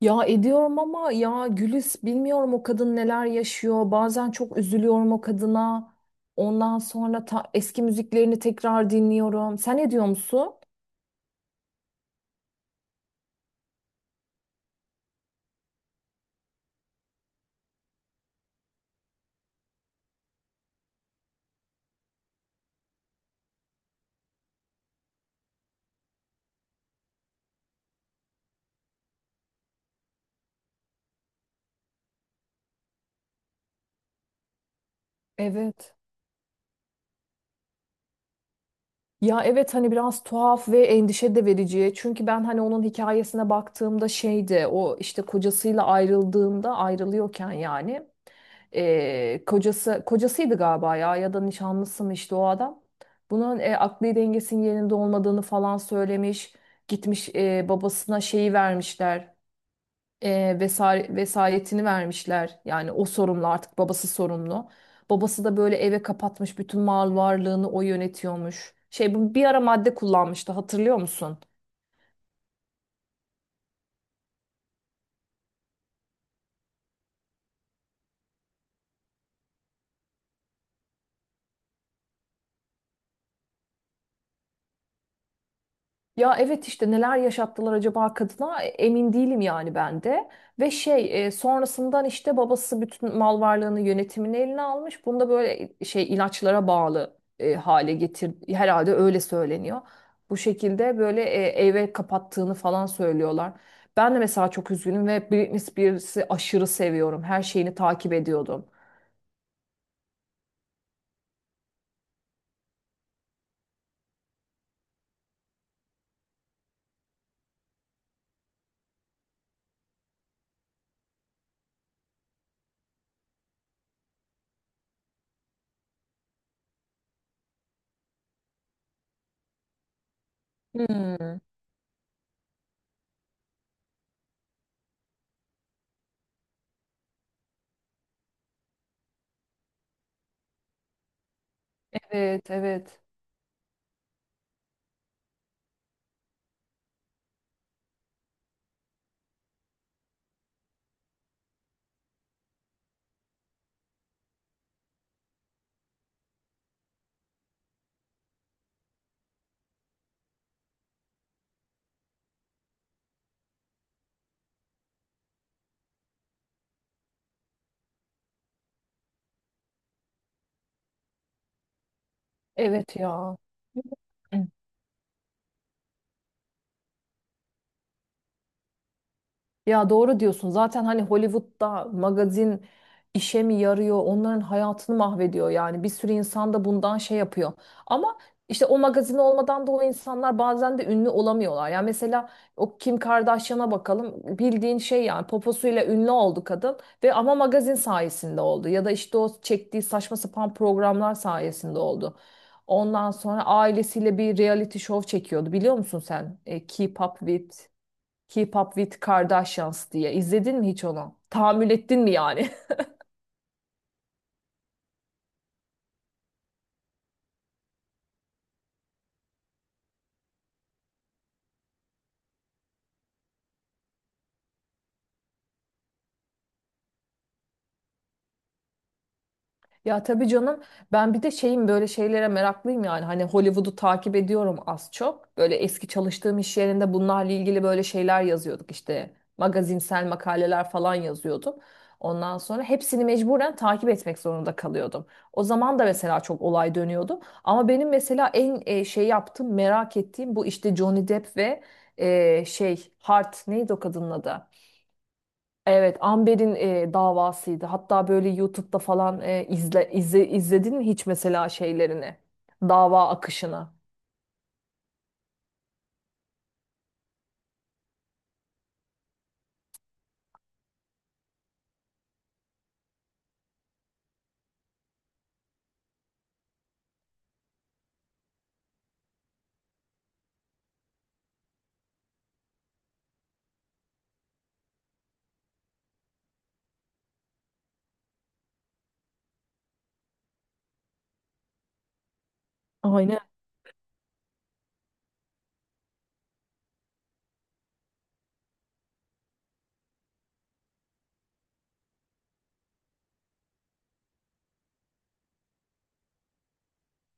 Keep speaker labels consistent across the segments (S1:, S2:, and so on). S1: Ya ediyorum ama ya Gülis bilmiyorum o kadın neler yaşıyor. Bazen çok üzülüyorum o kadına. Ondan sonra eski müziklerini tekrar dinliyorum. Sen ediyor musun? Evet. Ya evet hani biraz tuhaf ve endişe de verici. Çünkü ben hani onun hikayesine baktığımda şeydi o işte kocasıyla ayrıldığında ayrılıyorken yani kocası kocasıydı galiba ya ya da nişanlısı mı işte o adam. Bunun akli dengesinin yerinde olmadığını falan söylemiş. Gitmiş babasına şeyi vermişler, vesayetini vermişler. Yani o sorumlu, artık babası sorumlu. Babası da böyle eve kapatmış, bütün mal varlığını o yönetiyormuş. Şey, bu bir ara madde kullanmıştı, hatırlıyor musun? Ya evet, işte neler yaşattılar acaba kadına. Emin değilim yani ben de. Ve şey, sonrasından işte babası bütün mal varlığını, yönetimini eline almış. Bunu da böyle, şey, ilaçlara bağlı hale getir herhalde, öyle söyleniyor. Bu şekilde böyle eve kapattığını falan söylüyorlar. Ben de mesela çok üzgünüm ve Britney Spears'ı aşırı seviyorum. Her şeyini takip ediyordum. Hmm. Evet, evet. Evet ya. Ya doğru diyorsun. Zaten hani Hollywood'da magazin işe mi yarıyor? Onların hayatını mahvediyor yani. Bir sürü insan da bundan şey yapıyor. Ama işte o magazin olmadan da o insanlar bazen de ünlü olamıyorlar. Yani mesela o Kim Kardashian'a bakalım. Bildiğin şey yani, poposuyla ünlü oldu kadın ve ama magazin sayesinde oldu. Ya da işte o çektiği saçma sapan programlar sayesinde oldu. Ondan sonra ailesiyle bir reality show çekiyordu. Biliyor musun sen? Keep Up With Keep Up with Kardashians diye. İzledin mi hiç onu? Tahammül ettin mi yani? Ya tabii canım, ben bir de şeyim, böyle şeylere meraklıyım yani. Hani Hollywood'u takip ediyorum az çok. Böyle eski çalıştığım iş yerinde bunlarla ilgili böyle şeyler yazıyorduk işte. Magazinsel makaleler falan yazıyordum. Ondan sonra hepsini mecburen takip etmek zorunda kalıyordum. O zaman da mesela çok olay dönüyordu. Ama benim mesela en şey yaptığım, merak ettiğim bu işte, Johnny Depp ve şey, Hart neydi o kadının adı? Evet, Amber'in davasıydı. Hatta böyle YouTube'da falan izledin mi hiç mesela şeylerini? Dava akışını. Aynen.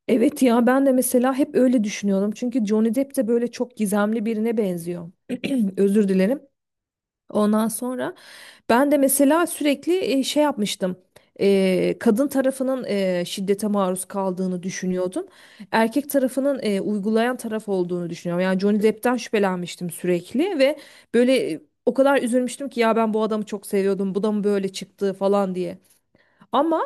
S1: Evet ya, ben de mesela hep öyle düşünüyorum. Çünkü Johnny Depp de böyle çok gizemli birine benziyor. Özür dilerim. Ondan sonra ben de mesela sürekli şey yapmıştım. Kadın tarafının şiddete maruz kaldığını düşünüyordum. Erkek tarafının uygulayan taraf olduğunu düşünüyorum. Yani Johnny Depp'ten şüphelenmiştim sürekli ve böyle o kadar üzülmüştüm ki ya, ben bu adamı çok seviyordum. Bu da mı böyle çıktı falan diye. Ama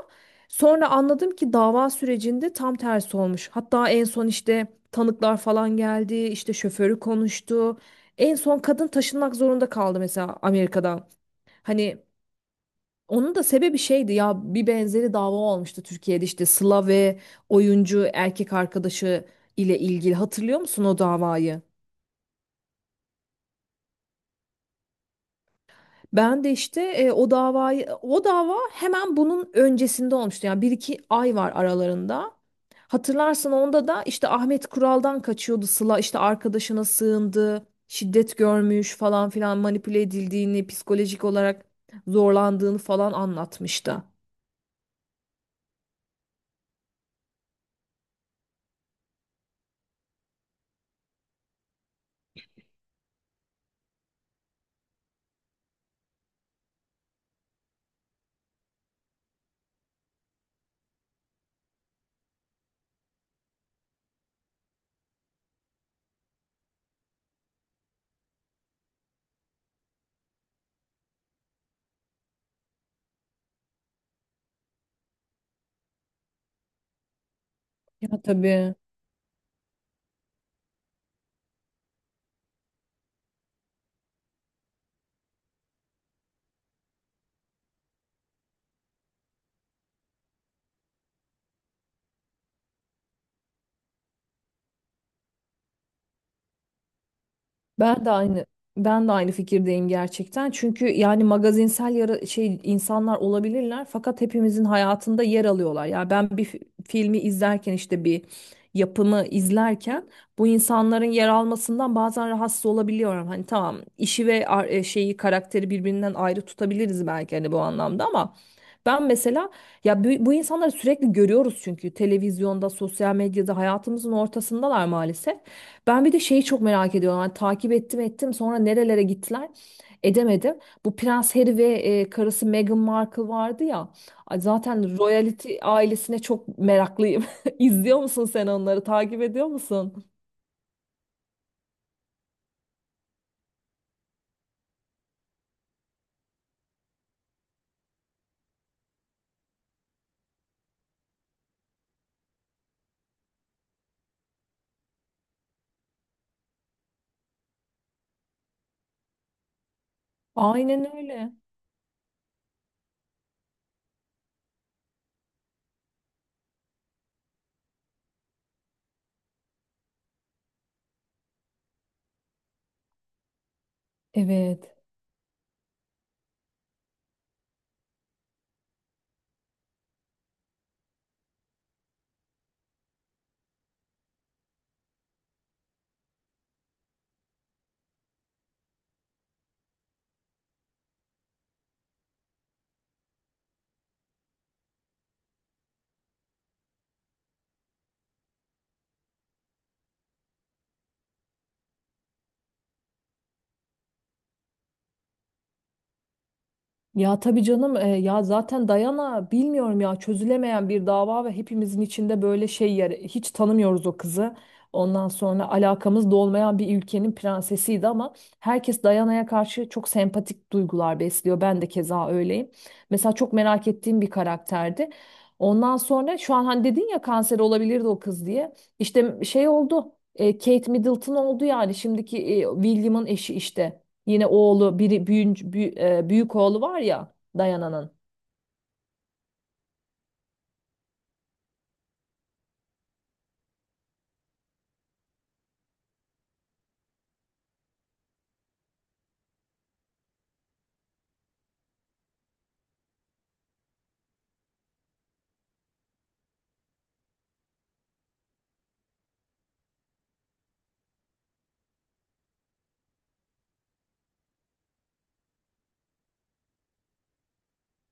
S1: sonra anladım ki dava sürecinde tam tersi olmuş. Hatta en son işte tanıklar falan geldi, işte şoförü konuştu. En son kadın taşınmak zorunda kaldı mesela Amerika'dan. Hani onun da sebebi şeydi ya, bir benzeri dava olmuştu Türkiye'de, işte Sıla ve oyuncu erkek arkadaşı ile ilgili, hatırlıyor musun o davayı? Ben de işte o dava hemen bunun öncesinde olmuştu yani, bir iki ay var aralarında. Hatırlarsın, onda da işte Ahmet Kural'dan kaçıyordu Sıla, işte arkadaşına sığındı, şiddet görmüş falan filan, manipüle edildiğini, psikolojik olarak zorlandığını falan anlatmıştı. Ya tabii. Ben de aynı Ben de aynı fikirdeyim gerçekten. Çünkü yani magazinsel yara şey insanlar olabilirler, fakat hepimizin hayatında yer alıyorlar. Ya ben bir filmi izlerken, işte bir yapımı izlerken bu insanların yer almasından bazen rahatsız olabiliyorum. Hani tamam, işi ve şeyi, karakteri birbirinden ayrı tutabiliriz belki hani bu anlamda, ama ben mesela ya bu insanları sürekli görüyoruz çünkü televizyonda, sosyal medyada hayatımızın ortasındalar maalesef. Ben bir de şeyi çok merak ediyorum. Hani takip ettim sonra nerelere gittiler, edemedim. Bu Prens Harry ve karısı Meghan Markle vardı ya. Ay, zaten royalty ailesine çok meraklıyım. İzliyor musun sen onları? Takip ediyor musun? Aynen öyle. Evet. Ya tabii canım, ya zaten Dayana, bilmiyorum ya, çözülemeyen bir dava ve hepimizin içinde böyle şey yer, hiç tanımıyoruz o kızı. Ondan sonra alakamız da olmayan bir ülkenin prensesiydi ama herkes Dayana'ya karşı çok sempatik duygular besliyor. Ben de keza öyleyim. Mesela çok merak ettiğim bir karakterdi. Ondan sonra şu an hani dedin ya kanser olabilirdi o kız diye. İşte şey oldu. Kate Middleton oldu, yani şimdiki William'ın eşi işte. Yine oğlu biri büyük oğlu var ya Dayana'nın.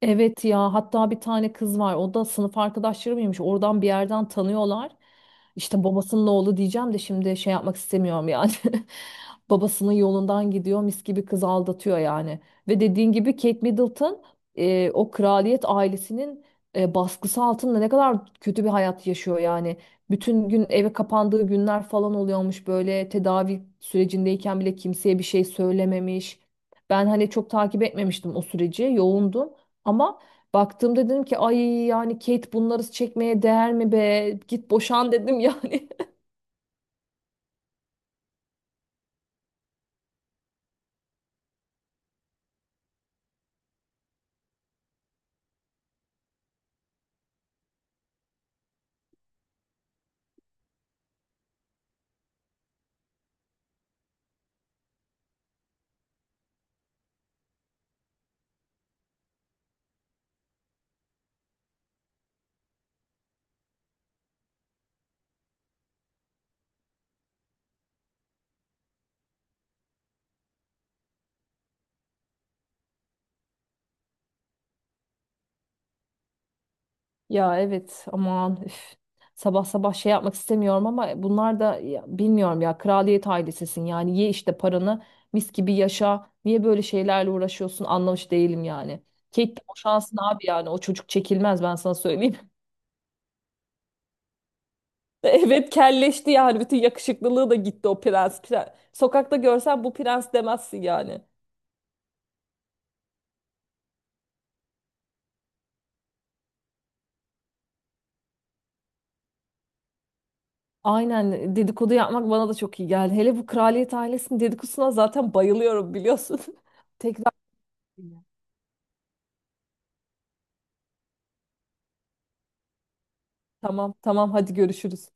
S1: Evet ya, hatta bir tane kız var, o da sınıf arkadaşları mıymış, oradan bir yerden tanıyorlar. İşte babasının oğlu diyeceğim de, şimdi şey yapmak istemiyorum yani. Babasının yolundan gidiyor, mis gibi kız aldatıyor yani. Ve dediğin gibi Kate Middleton o kraliyet ailesinin baskısı altında ne kadar kötü bir hayat yaşıyor yani. Bütün gün eve kapandığı günler falan oluyormuş, böyle tedavi sürecindeyken bile kimseye bir şey söylememiş. Ben hani çok takip etmemiştim o süreci, yoğundum. Ama baktığımda dedim ki ay, yani Kate, bunları çekmeye değer mi be? Git boşan dedim yani. Ya evet, aman üf. Sabah sabah şey yapmak istemiyorum ama bunlar da ya, bilmiyorum ya, kraliyet ailesesin yani, ye işte paranı, mis gibi yaşa. Niye böyle şeylerle uğraşıyorsun, anlamış değilim yani. Kate de boşansın abi yani, o çocuk çekilmez ben sana söyleyeyim. Evet, kelleşti yani, bütün yakışıklılığı da gitti o prens. Sokakta görsen bu prens demezsin yani. Aynen, dedikodu yapmak bana da çok iyi geldi. Hele bu kraliyet ailesinin dedikodusuna zaten bayılıyorum biliyorsun. Tekrar, tamam tamam, hadi görüşürüz.